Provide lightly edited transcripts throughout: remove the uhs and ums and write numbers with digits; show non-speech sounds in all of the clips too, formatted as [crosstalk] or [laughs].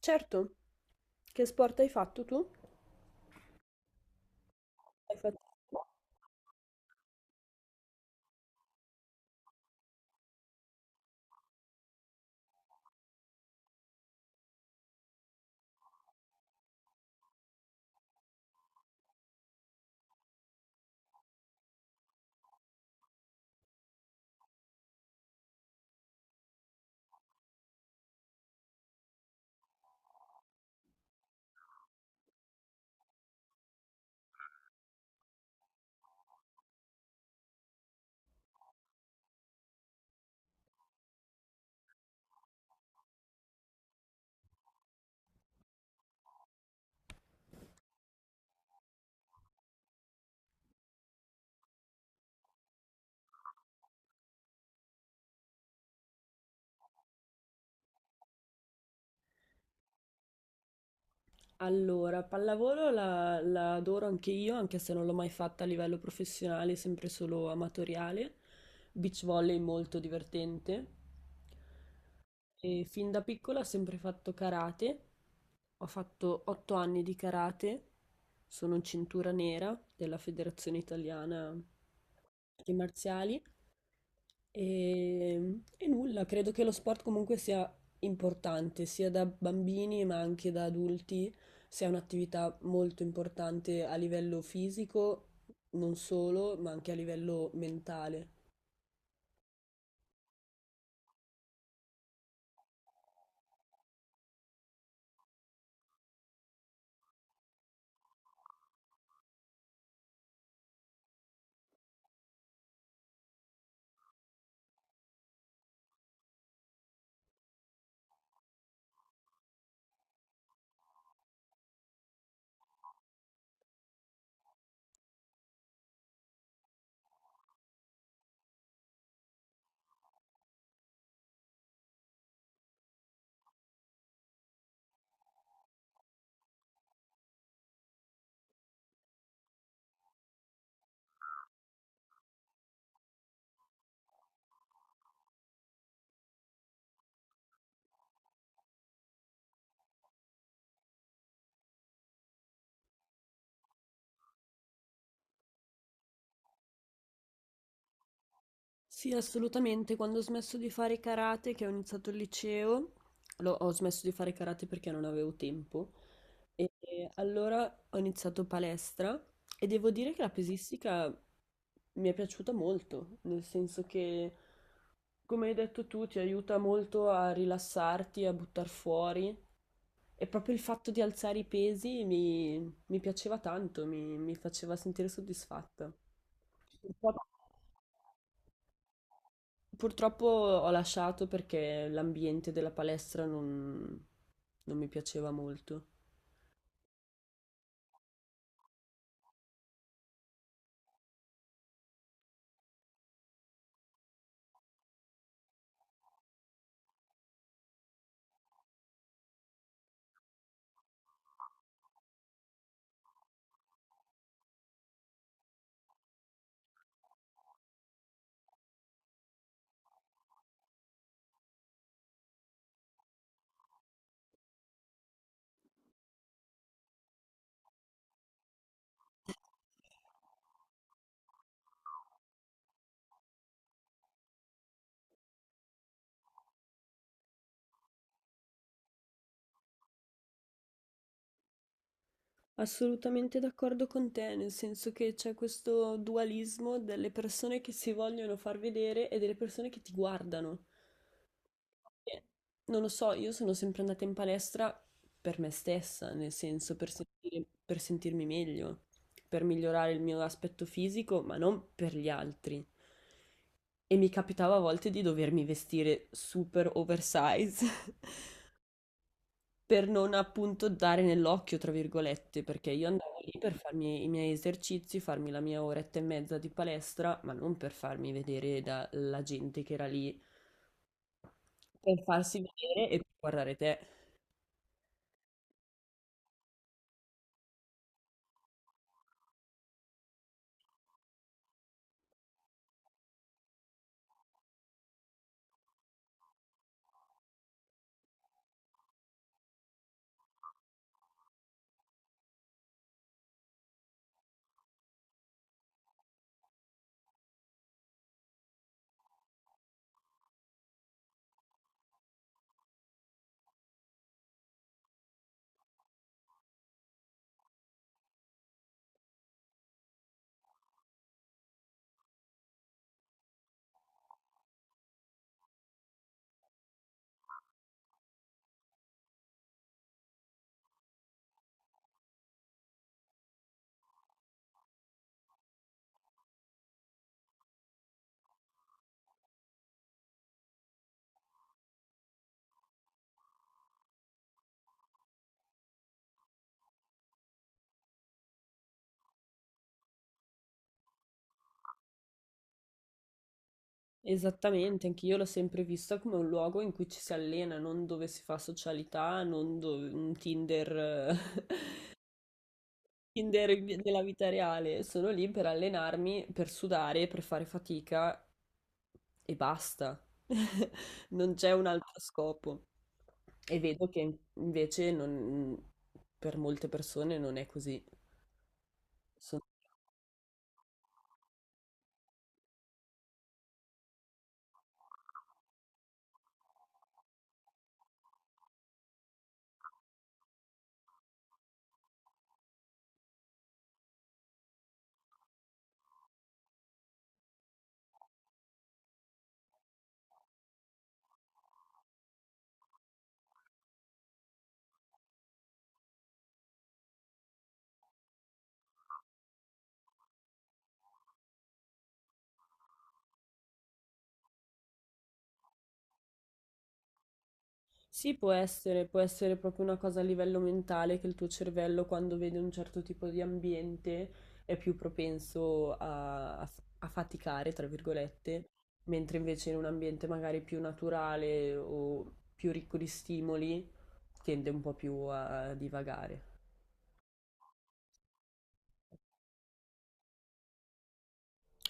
Certo, che sport hai fatto tu? Hai fatto- Allora, pallavolo la adoro anche io, anche se non l'ho mai fatta a livello professionale, sempre solo amatoriale. Beach volley molto divertente. E fin da piccola ho sempre fatto karate. Ho fatto 8 anni di karate. Sono cintura nera della Federazione Italiana Arti Marziali. E nulla, credo che lo sport comunque sia importante, sia da bambini ma anche da adulti, sia un'attività molto importante a livello fisico, non solo, ma anche a livello mentale. Sì, assolutamente. Quando ho smesso di fare karate, che ho iniziato il liceo, ho smesso di fare karate perché non avevo tempo. E allora ho iniziato palestra e devo dire che la pesistica mi è piaciuta molto, nel senso che, come hai detto tu, ti aiuta molto a rilassarti, a buttar fuori, e proprio il fatto di alzare i pesi mi piaceva tanto, mi faceva sentire soddisfatta. Purtroppo, purtroppo, ho lasciato perché l'ambiente della palestra non mi piaceva molto. Assolutamente d'accordo con te, nel senso che c'è questo dualismo delle persone che si vogliono far vedere e delle persone che ti guardano. Eh, Non lo so, io sono sempre andata in palestra per me stessa, nel senso per sentirmi meglio, per migliorare il mio aspetto fisico, ma non per gli altri. E mi capitava a volte di dovermi vestire super oversize [laughs] per non appunto dare nell'occhio, tra virgolette, perché io andavo lì per farmi i miei esercizi, farmi la mia oretta e mezza di palestra, ma non per farmi vedere dalla gente che era lì, per farsi vedere e per guardare te. Esattamente, anche io l'ho sempre vista come un luogo in cui ci si allena, non dove si fa socialità, non dove, un Tinder, [laughs] della vita reale. Sono lì per allenarmi, per sudare, per fare fatica e basta. [laughs] Non c'è un altro scopo. E vedo che invece per molte persone non è così. Sì, può essere proprio una cosa a livello mentale, che il tuo cervello quando vede un certo tipo di ambiente è più propenso a faticare, tra virgolette, mentre invece in un ambiente magari più naturale o più ricco di stimoli tende un po' più a divagare.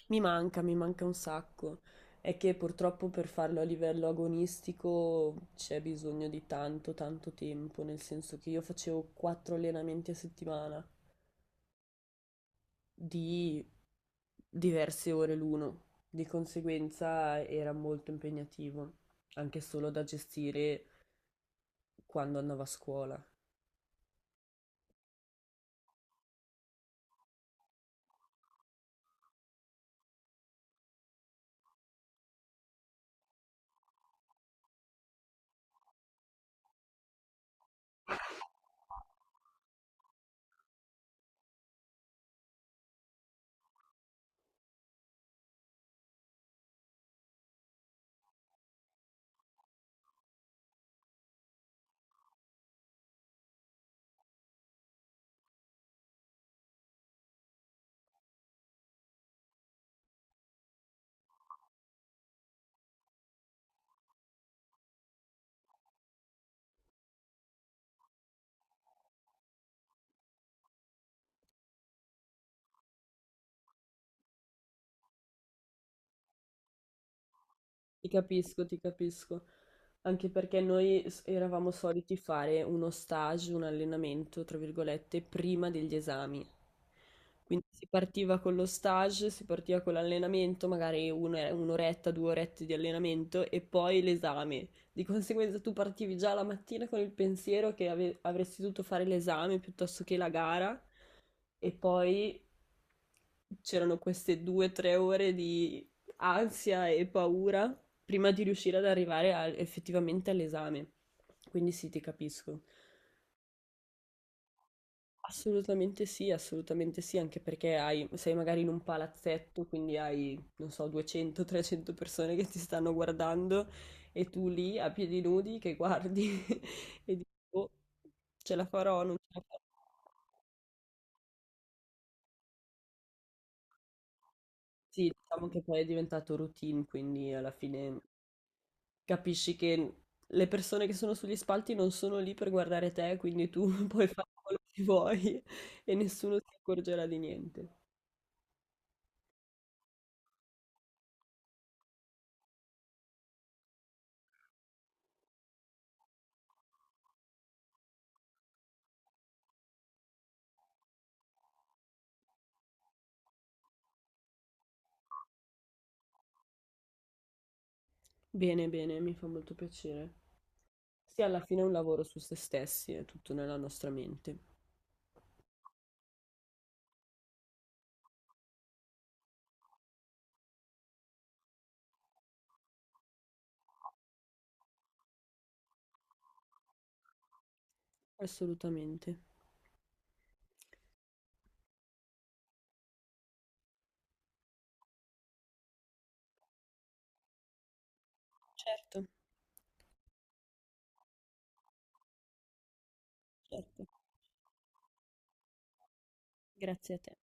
Mi manca un sacco. È che purtroppo per farlo a livello agonistico c'è bisogno di tanto, tanto tempo, nel senso che io facevo 4 allenamenti a settimana, di diverse ore l'uno, di conseguenza era molto impegnativo, anche solo da gestire quando andavo a scuola. Ti capisco, ti capisco. Anche perché noi eravamo soliti fare uno stage, un allenamento, tra virgolette, prima degli esami. Quindi si partiva con lo stage, si partiva con l'allenamento, magari un'oretta, due orette di allenamento e poi l'esame. Di conseguenza tu partivi già la mattina con il pensiero che avresti dovuto fare l'esame piuttosto che la gara, e poi c'erano queste due o tre ore di ansia e paura prima di riuscire ad arrivare effettivamente all'esame. Quindi sì, ti capisco. Assolutamente sì, anche perché sei magari in un palazzetto, quindi hai, non so, 200-300 persone che ti stanno guardando e tu lì a piedi nudi che guardi [laughs] e dici, "Boh, ce la farò, non ce la farò." Sì, diciamo che poi è diventato routine, quindi alla fine capisci che le persone che sono sugli spalti non sono lì per guardare te, quindi tu [laughs] puoi fare quello che vuoi e nessuno si accorgerà di niente. Bene, bene, mi fa molto piacere. Sì, alla fine è un lavoro su se stessi, è tutto nella nostra mente. Assolutamente. Certo, certo. Grazie a te.